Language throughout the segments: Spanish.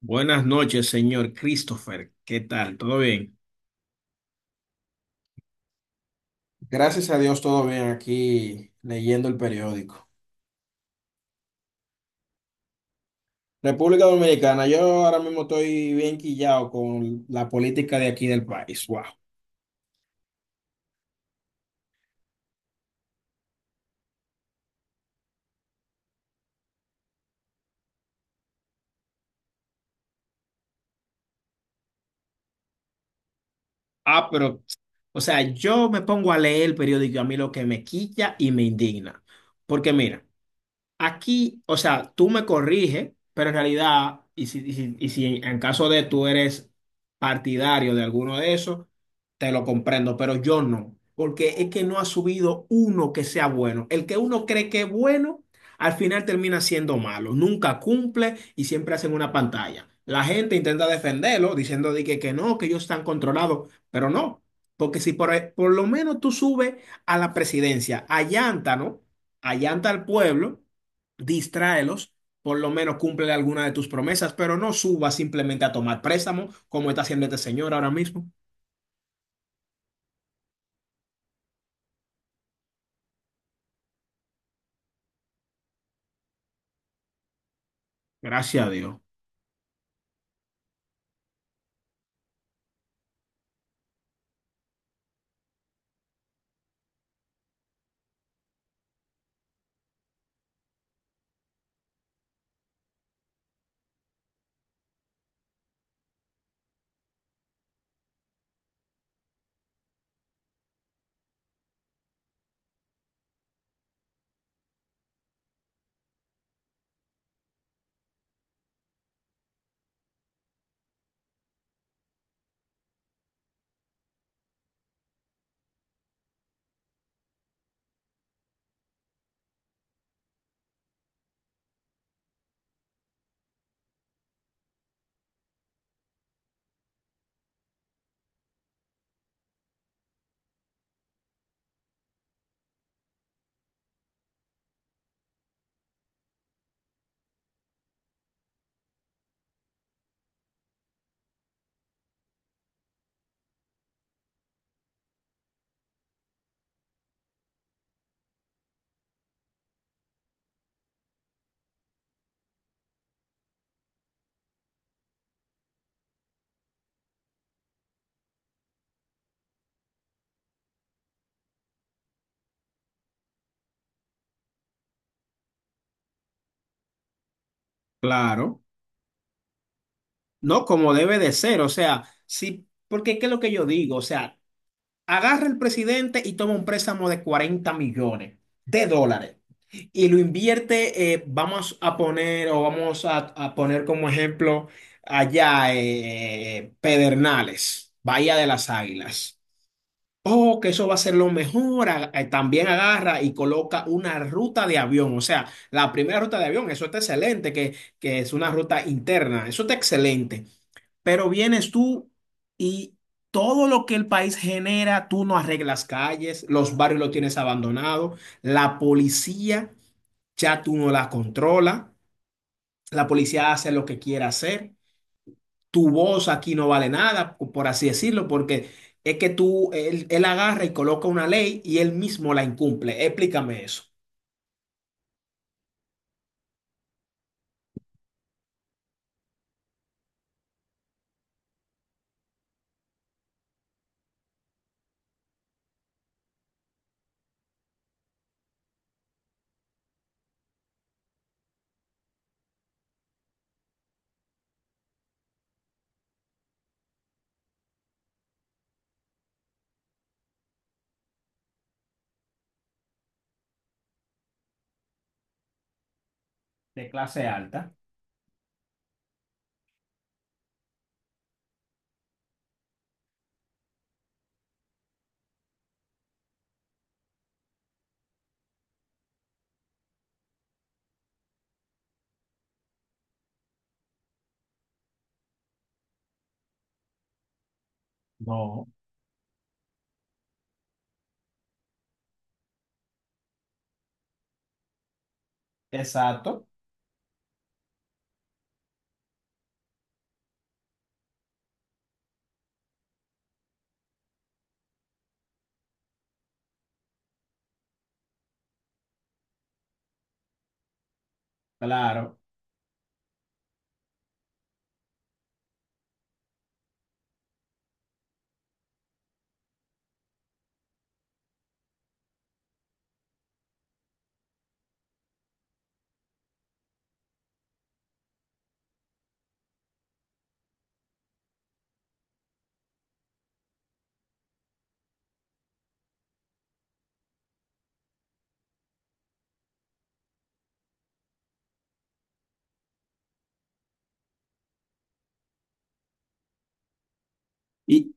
Buenas noches, señor Christopher. ¿Qué tal? ¿Todo bien? Gracias a Dios, todo bien aquí leyendo el periódico. República Dominicana, yo ahora mismo estoy bien quillado con la política de aquí del país. Wow. Ah, pero, o sea, yo me pongo a leer el periódico y a mí lo que me quilla y me indigna. Porque mira, aquí, o sea, tú me corriges, pero en realidad, y si en caso de tú eres partidario de alguno de esos, te lo comprendo, pero yo no, porque es que no ha subido uno que sea bueno. El que uno cree que es bueno, al final termina siendo malo, nunca cumple y siempre hacen una pantalla. La gente intenta defenderlo diciendo de que no, que ellos están controlados, pero no, porque si por lo menos tú subes a la presidencia, allanta, ¿no? Allanta al pueblo, distráelos, por lo menos cumple alguna de tus promesas, pero no subas simplemente a tomar préstamo, como está haciendo este señor ahora mismo. Gracias a Dios. Claro. No como debe de ser, o sea, sí, porque ¿qué es lo que yo digo? O sea, agarra el presidente y toma un préstamo de 40 millones de dólares y lo invierte, vamos a poner o vamos a poner como ejemplo allá Pedernales, Bahía de las Águilas. Oh, que eso va a ser lo mejor. También agarra y coloca una ruta de avión. O sea, la primera ruta de avión, eso está excelente, que es una ruta interna. Eso está excelente. Pero vienes tú y todo lo que el país genera, tú no arreglas calles, los barrios lo tienes abandonado, la policía ya tú no la controla, la policía hace lo que quiera hacer, tu voz aquí no vale nada, por así decirlo, porque es que él agarra y coloca una ley y él mismo la incumple. Explícame eso. De clase alta. No. Exacto, claro. Y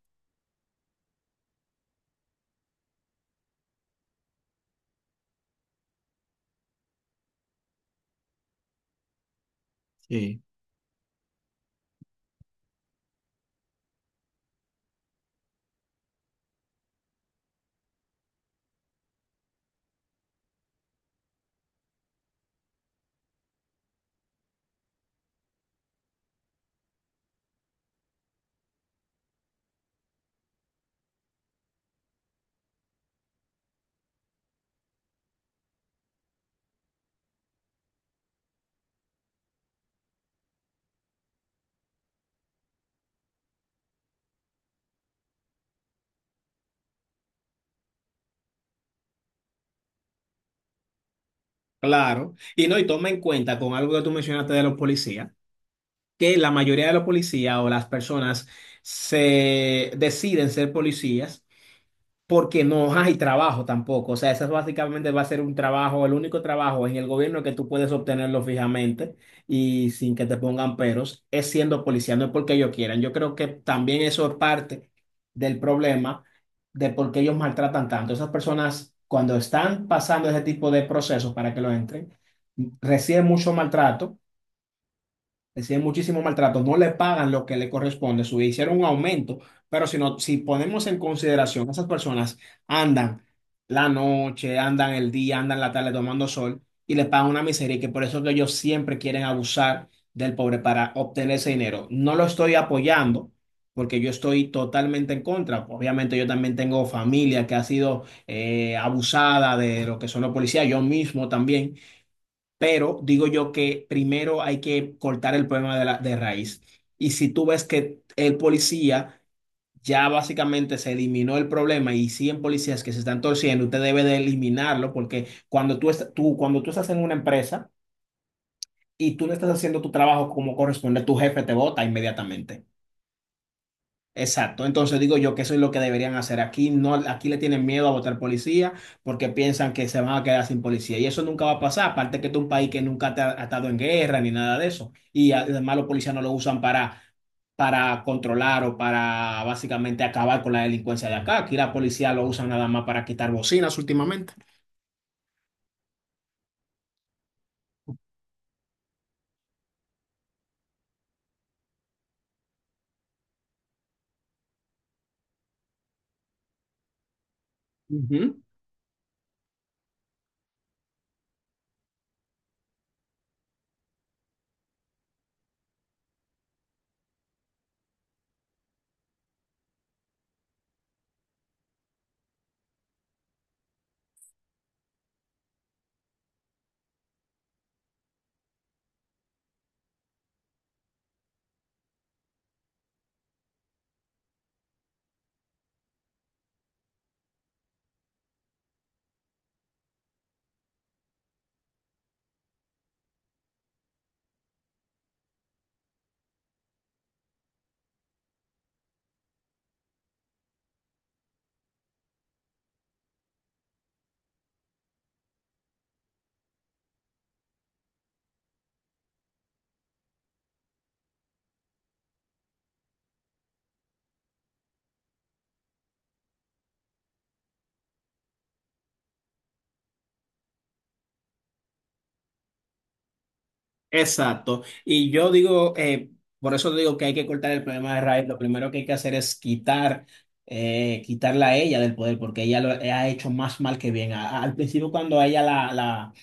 sí. Claro, y no, y toma en cuenta con algo que tú mencionaste de los policías, que la mayoría de los policías o las personas se deciden ser policías porque no hay trabajo tampoco. O sea, ese es básicamente va a ser un trabajo, el único trabajo en el gobierno que tú puedes obtenerlo fijamente y sin que te pongan peros, es siendo policía, no es porque ellos quieran. Yo creo que también eso es parte del problema de por qué ellos maltratan tanto. Esas personas, cuando están pasando ese tipo de procesos para que lo entren, reciben mucho maltrato, reciben muchísimo maltrato, no le pagan lo que le corresponde, su hicieron un aumento, pero si, no, si ponemos en consideración, esas personas andan la noche, andan el día, andan la tarde tomando sol y le pagan una miseria y que por eso que ellos siempre quieren abusar del pobre para obtener ese dinero. No lo estoy apoyando, porque yo estoy totalmente en contra. Obviamente yo también tengo familia que ha sido abusada de lo que son los policías, yo mismo también. Pero digo yo que primero hay que cortar el problema de raíz. Y si tú ves que el policía ya básicamente se eliminó el problema y 100 policías que se están torciendo, usted debe de eliminarlo porque cuando tú estás en una empresa y tú no estás haciendo tu trabajo como corresponde, tu jefe te bota inmediatamente. Exacto, entonces digo yo que eso es lo que deberían hacer aquí. No, aquí le tienen miedo a votar policía porque piensan que se van a quedar sin policía y eso nunca va a pasar. Aparte que este es un país que nunca te ha estado en guerra ni nada de eso y además los policías no lo usan para controlar o para básicamente acabar con la delincuencia de acá. Aquí la policía lo usan nada más para quitar bocinas últimamente. Ujú. Exacto. Y yo digo, por eso digo que hay que cortar el problema de raíz. Lo primero que hay que hacer es quitarla a ella del poder, porque ella lo ha hecho más mal que bien. Al principio, cuando a ella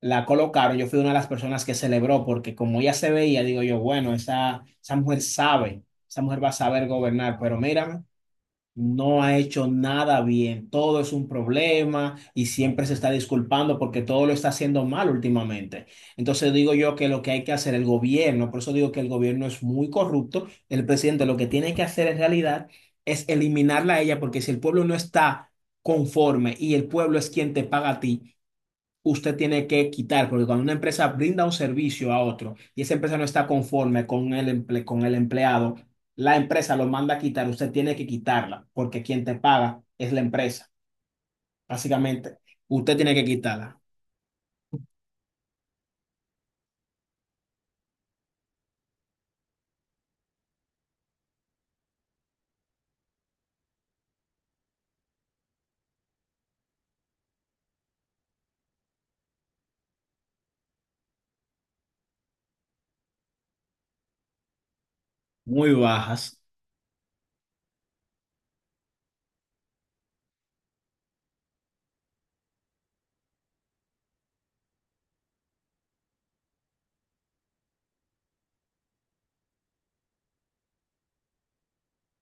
la colocaron, yo fui una de las personas que celebró, porque como ella se veía, digo yo, bueno, esa mujer sabe, esa mujer va a saber gobernar, pero mira, no ha hecho nada bien, todo es un problema y siempre se está disculpando porque todo lo está haciendo mal últimamente. Entonces digo yo que lo que hay que hacer el gobierno, por eso digo que el gobierno es muy corrupto, el presidente lo que tiene que hacer en realidad es eliminarla a ella porque si el pueblo no está conforme y el pueblo es quien te paga a ti, usted tiene que quitar, porque cuando una empresa brinda un servicio a otro y esa empresa no está conforme con con el empleado, la empresa lo manda a quitar, usted tiene que quitarla, porque quien te paga es la empresa. Básicamente, usted tiene que quitarla. Muy bajas,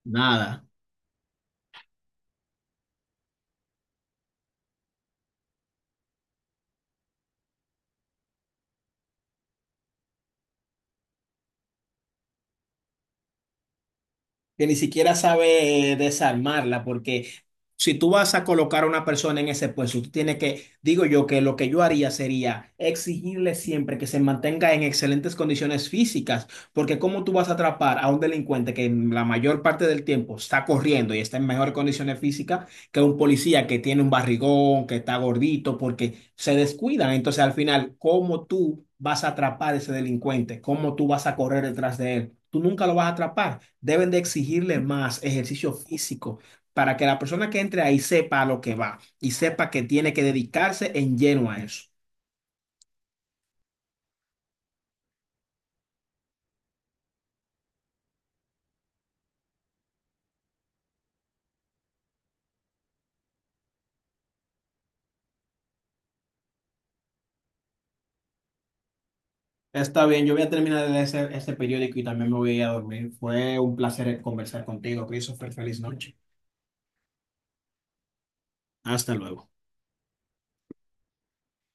nada. Que ni siquiera sabe desarmarla, porque si tú vas a colocar a una persona en ese puesto, tú tienes que, digo yo, que lo que yo haría sería exigirle siempre que se mantenga en excelentes condiciones físicas, porque ¿cómo tú vas a atrapar a un delincuente que en la mayor parte del tiempo está corriendo y está en mejores condiciones físicas que un policía que tiene un barrigón, que está gordito, porque se descuidan? Entonces, al final, ¿cómo tú vas a atrapar ese delincuente? ¿Cómo tú vas a correr detrás de él? Tú nunca lo vas a atrapar. Deben de exigirle más ejercicio físico para que la persona que entre ahí sepa a lo que va y sepa que tiene que dedicarse en lleno a eso. Está bien, yo voy a terminar de leer este periódico y también me voy a ir a dormir. Fue un placer conversar contigo, Christopher. Feliz noche. Hasta luego.